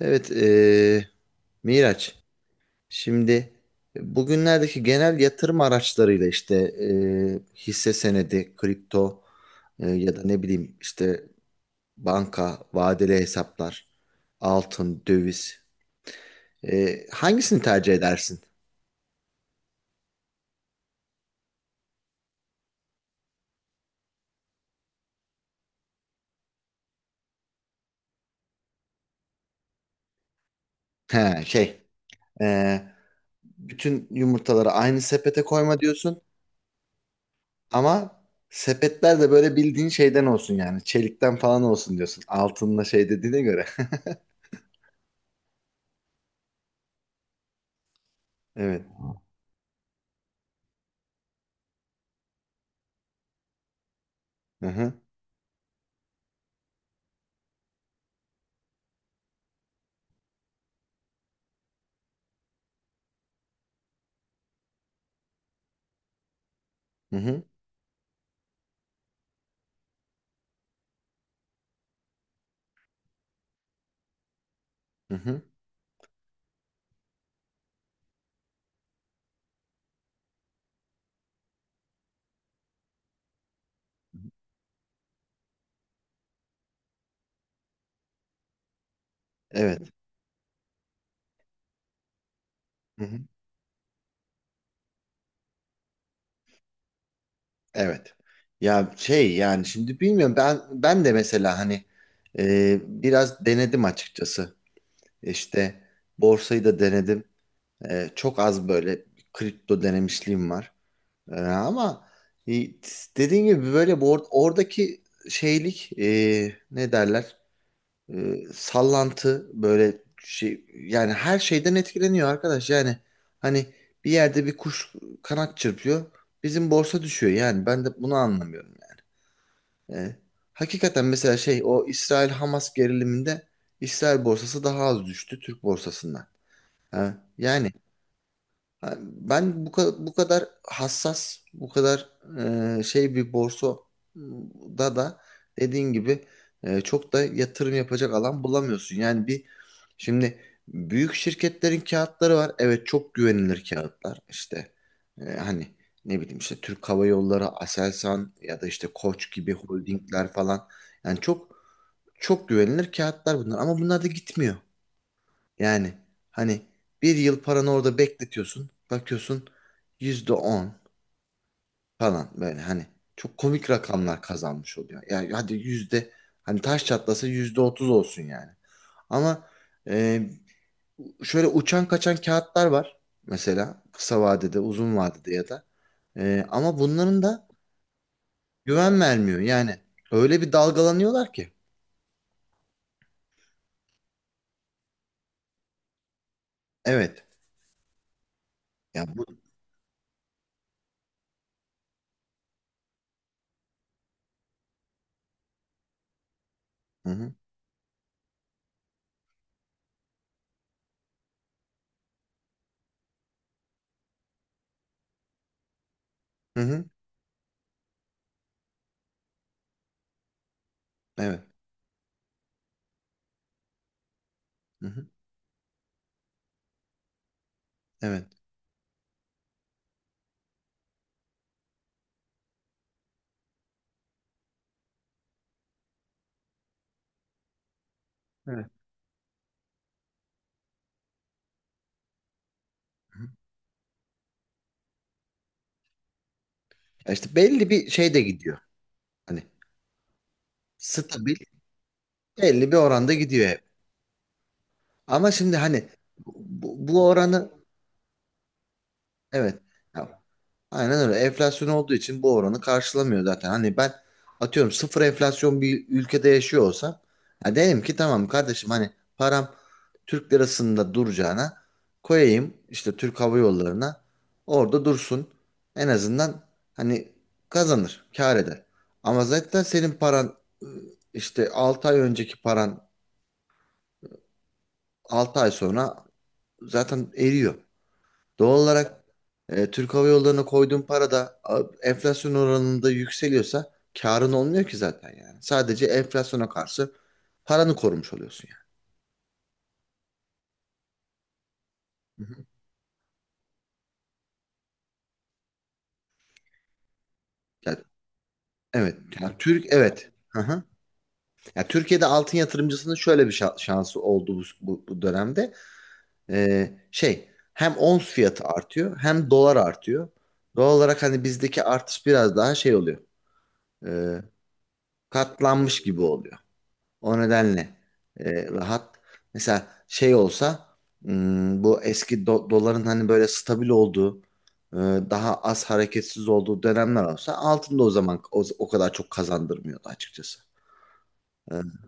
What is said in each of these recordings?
Evet, Miraç. Şimdi bugünlerdeki genel yatırım araçlarıyla işte hisse senedi, kripto, ya da ne bileyim işte banka, vadeli hesaplar, altın, döviz. Hangisini tercih edersin? He, şey, eee, bütün yumurtaları aynı sepete koyma diyorsun ama sepetler de böyle bildiğin şeyden olsun yani çelikten falan olsun diyorsun. Altınla şey dediğine göre. Evet. Hı hı. Hı hı. Hı hı. Evet. Hı hı. Evet. Ya şey yani şimdi bilmiyorum ben de mesela hani e, biraz denedim açıkçası. İşte borsayı da denedim. E, çok az böyle kripto denemişliğim var. E, ama e, dediğim gibi böyle oradaki şeylik e, ne derler? E, sallantı böyle şey yani her şeyden etkileniyor arkadaş. Yani hani bir yerde bir kuş kanat çırpıyor. Bizim borsa düşüyor yani. Ben de bunu anlamıyorum yani. E, hakikaten mesela şey o İsrail-Hamas geriliminde İsrail borsası daha az düştü Türk borsasından. Ha, yani ha, ben bu kadar hassas, bu kadar e, şey bir borsa da dediğin gibi e, çok da yatırım yapacak alan bulamıyorsun. Yani bir şimdi büyük şirketlerin kağıtları var. Evet, çok güvenilir kağıtlar. İşte e, hani ne bileyim işte Türk Hava Yolları, Aselsan ya da işte Koç gibi holdingler falan. Yani çok, çok güvenilir kağıtlar bunlar ama bunlar da gitmiyor. Yani hani bir yıl paranı orada bekletiyorsun. Bakıyorsun yüzde on falan, böyle hani çok komik rakamlar kazanmış oluyor. Yani hadi yüzde, hani taş çatlasa yüzde otuz olsun yani. Ama e, şöyle uçan kaçan kağıtlar var mesela kısa vadede uzun vadede ya da. E, ama bunların da güven vermiyor yani, öyle bir dalgalanıyorlar ki. Evet. Ya bu. Hı hı. Hı hı. Evet. Hı hı. Evet. Evet. Ya İşte belli bir şey de gidiyor. Hani stabil, belli bir oranda gidiyor hep. Ama şimdi hani bu oranı evet. Ya, aynen öyle, enflasyon olduğu için bu oranı karşılamıyor zaten. Hani ben atıyorum sıfır enflasyon bir ülkede yaşıyor olsam ya derim ki tamam kardeşim, hani param Türk lirasında duracağına koyayım işte Türk Hava Yolları'na, orada dursun. En azından hani kazanır, kâr eder. Ama zaten senin paran, ıı, işte 6 ay önceki paran altı ay sonra zaten eriyor. Doğal olarak e, Türk Hava Yolları'na koyduğun para da a, enflasyon oranında yükseliyorsa karın olmuyor ki zaten yani. Sadece enflasyona karşı paranı korumuş oluyorsun yani. Hı hı. Yani, evet. Yani Türk, evet. Hı hı. Yani Türkiye'de altın yatırımcısının şöyle bir şansı oldu bu dönemde. Şey hem ons fiyatı artıyor hem dolar artıyor. Doğal olarak hani bizdeki artış biraz daha şey oluyor. E, katlanmış gibi oluyor. O nedenle e, rahat. Mesela şey olsa hmm, bu eski doların hani böyle stabil olduğu e, daha az hareketsiz olduğu dönemler olsa altında o zaman o kadar çok kazandırmıyordu açıkçası. E,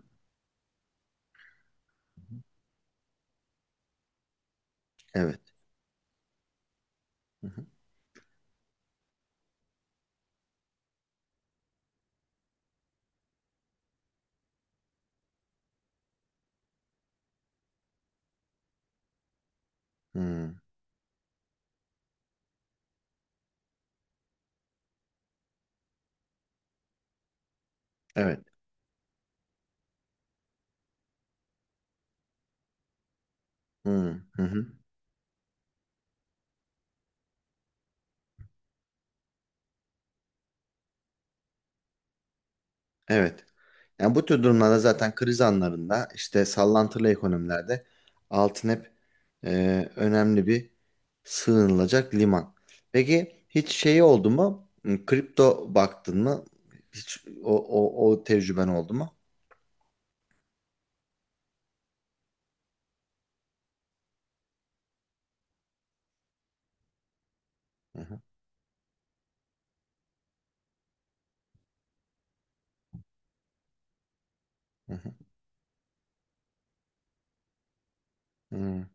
evet. Hı hı. Hmm, evet. Hmm, hı hı. Evet. Yani bu tür durumlarda zaten, kriz anlarında işte sallantılı ekonomilerde altın hep e, önemli bir sığınılacak liman. Peki hiç şeyi oldu mu? Hmm, kripto baktın mı? Hiç o tecrüben oldu mu? Hı hı, hı hı, hı.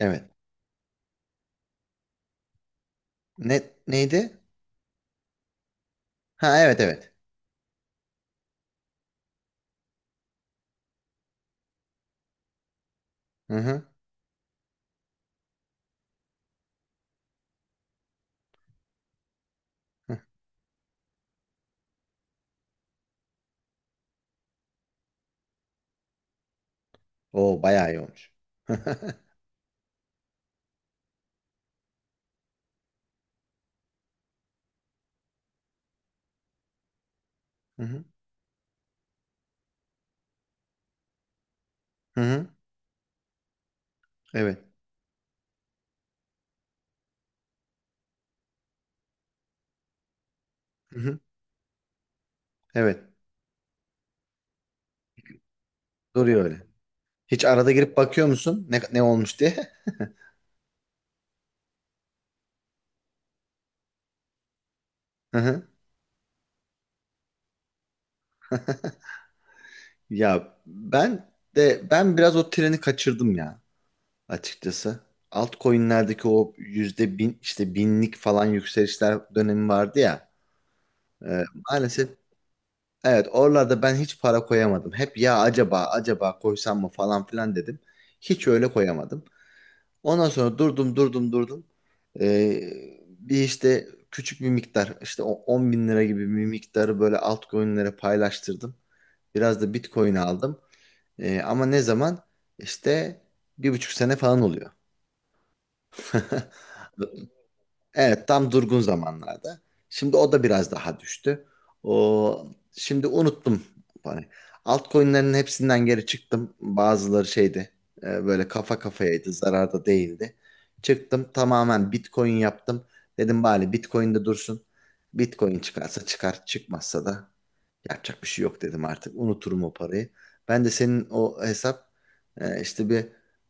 Evet. Ne, neydi? Ha, evet, evet. Hı hı. Hı. Oo, bayağı iyi olmuş. Hı hı. Hı hı. Evet. Hı hı. Evet. Duruyor öyle. Hiç arada girip bakıyor musun? Ne, ne olmuş diye? Hı hı. Ya ben de, ben biraz o treni kaçırdım ya açıkçası. Altcoin'lerdeki o yüzde bin işte binlik falan yükselişler dönemi vardı ya. Ee, maalesef evet, oralarda ben hiç para koyamadım. Hep ya acaba, acaba koysam mı falan filan dedim. Hiç öyle koyamadım. Ondan sonra durdum. Ee, bir işte küçük bir miktar, işte o 10 bin lira gibi bir miktarı böyle altcoin'lere paylaştırdım. Biraz da Bitcoin aldım. Ama ne zaman? İşte bir buçuk sene falan oluyor. Evet, tam durgun zamanlarda. Şimdi o da biraz daha düştü. O şimdi unuttum. Hani altcoin'lerin hepsinden geri çıktım. Bazıları şeydi. E, böyle kafa kafayaydı, zararda değildi. Çıktım, tamamen Bitcoin yaptım. Dedim bari Bitcoin'de dursun. Bitcoin çıkarsa çıkar, çıkmazsa da yapacak bir şey yok dedim artık. Unuturum o parayı. Ben de senin o hesap e, işte bir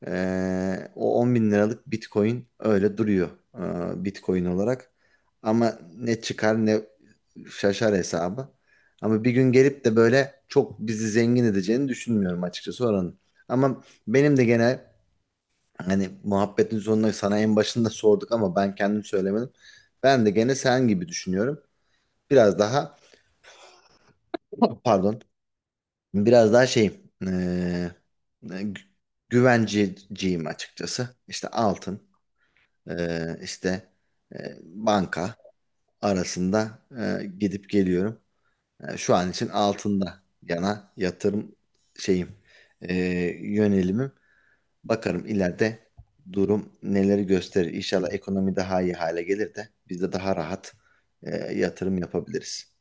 e, o 10 bin liralık Bitcoin öyle duruyor e, Bitcoin olarak. Ama ne çıkar ne şaşar hesabı. Ama bir gün gelip de böyle çok bizi zengin edeceğini düşünmüyorum açıkçası oranın. Ama benim de gene hani muhabbetin sonunda sana en başında sorduk ama ben kendim söylemedim. Ben de gene sen gibi düşünüyorum. Biraz daha, pardon, biraz daha şeyim. E, güvenciciyim açıkçası. İşte altın, işte banka arasında gidip geliyorum. Yani şu an için altında yana yatırım şeyim, yönelimim. Bakarım ileride durum neleri gösterir. İnşallah ekonomi daha iyi hale gelir de biz de daha rahat yatırım yapabiliriz.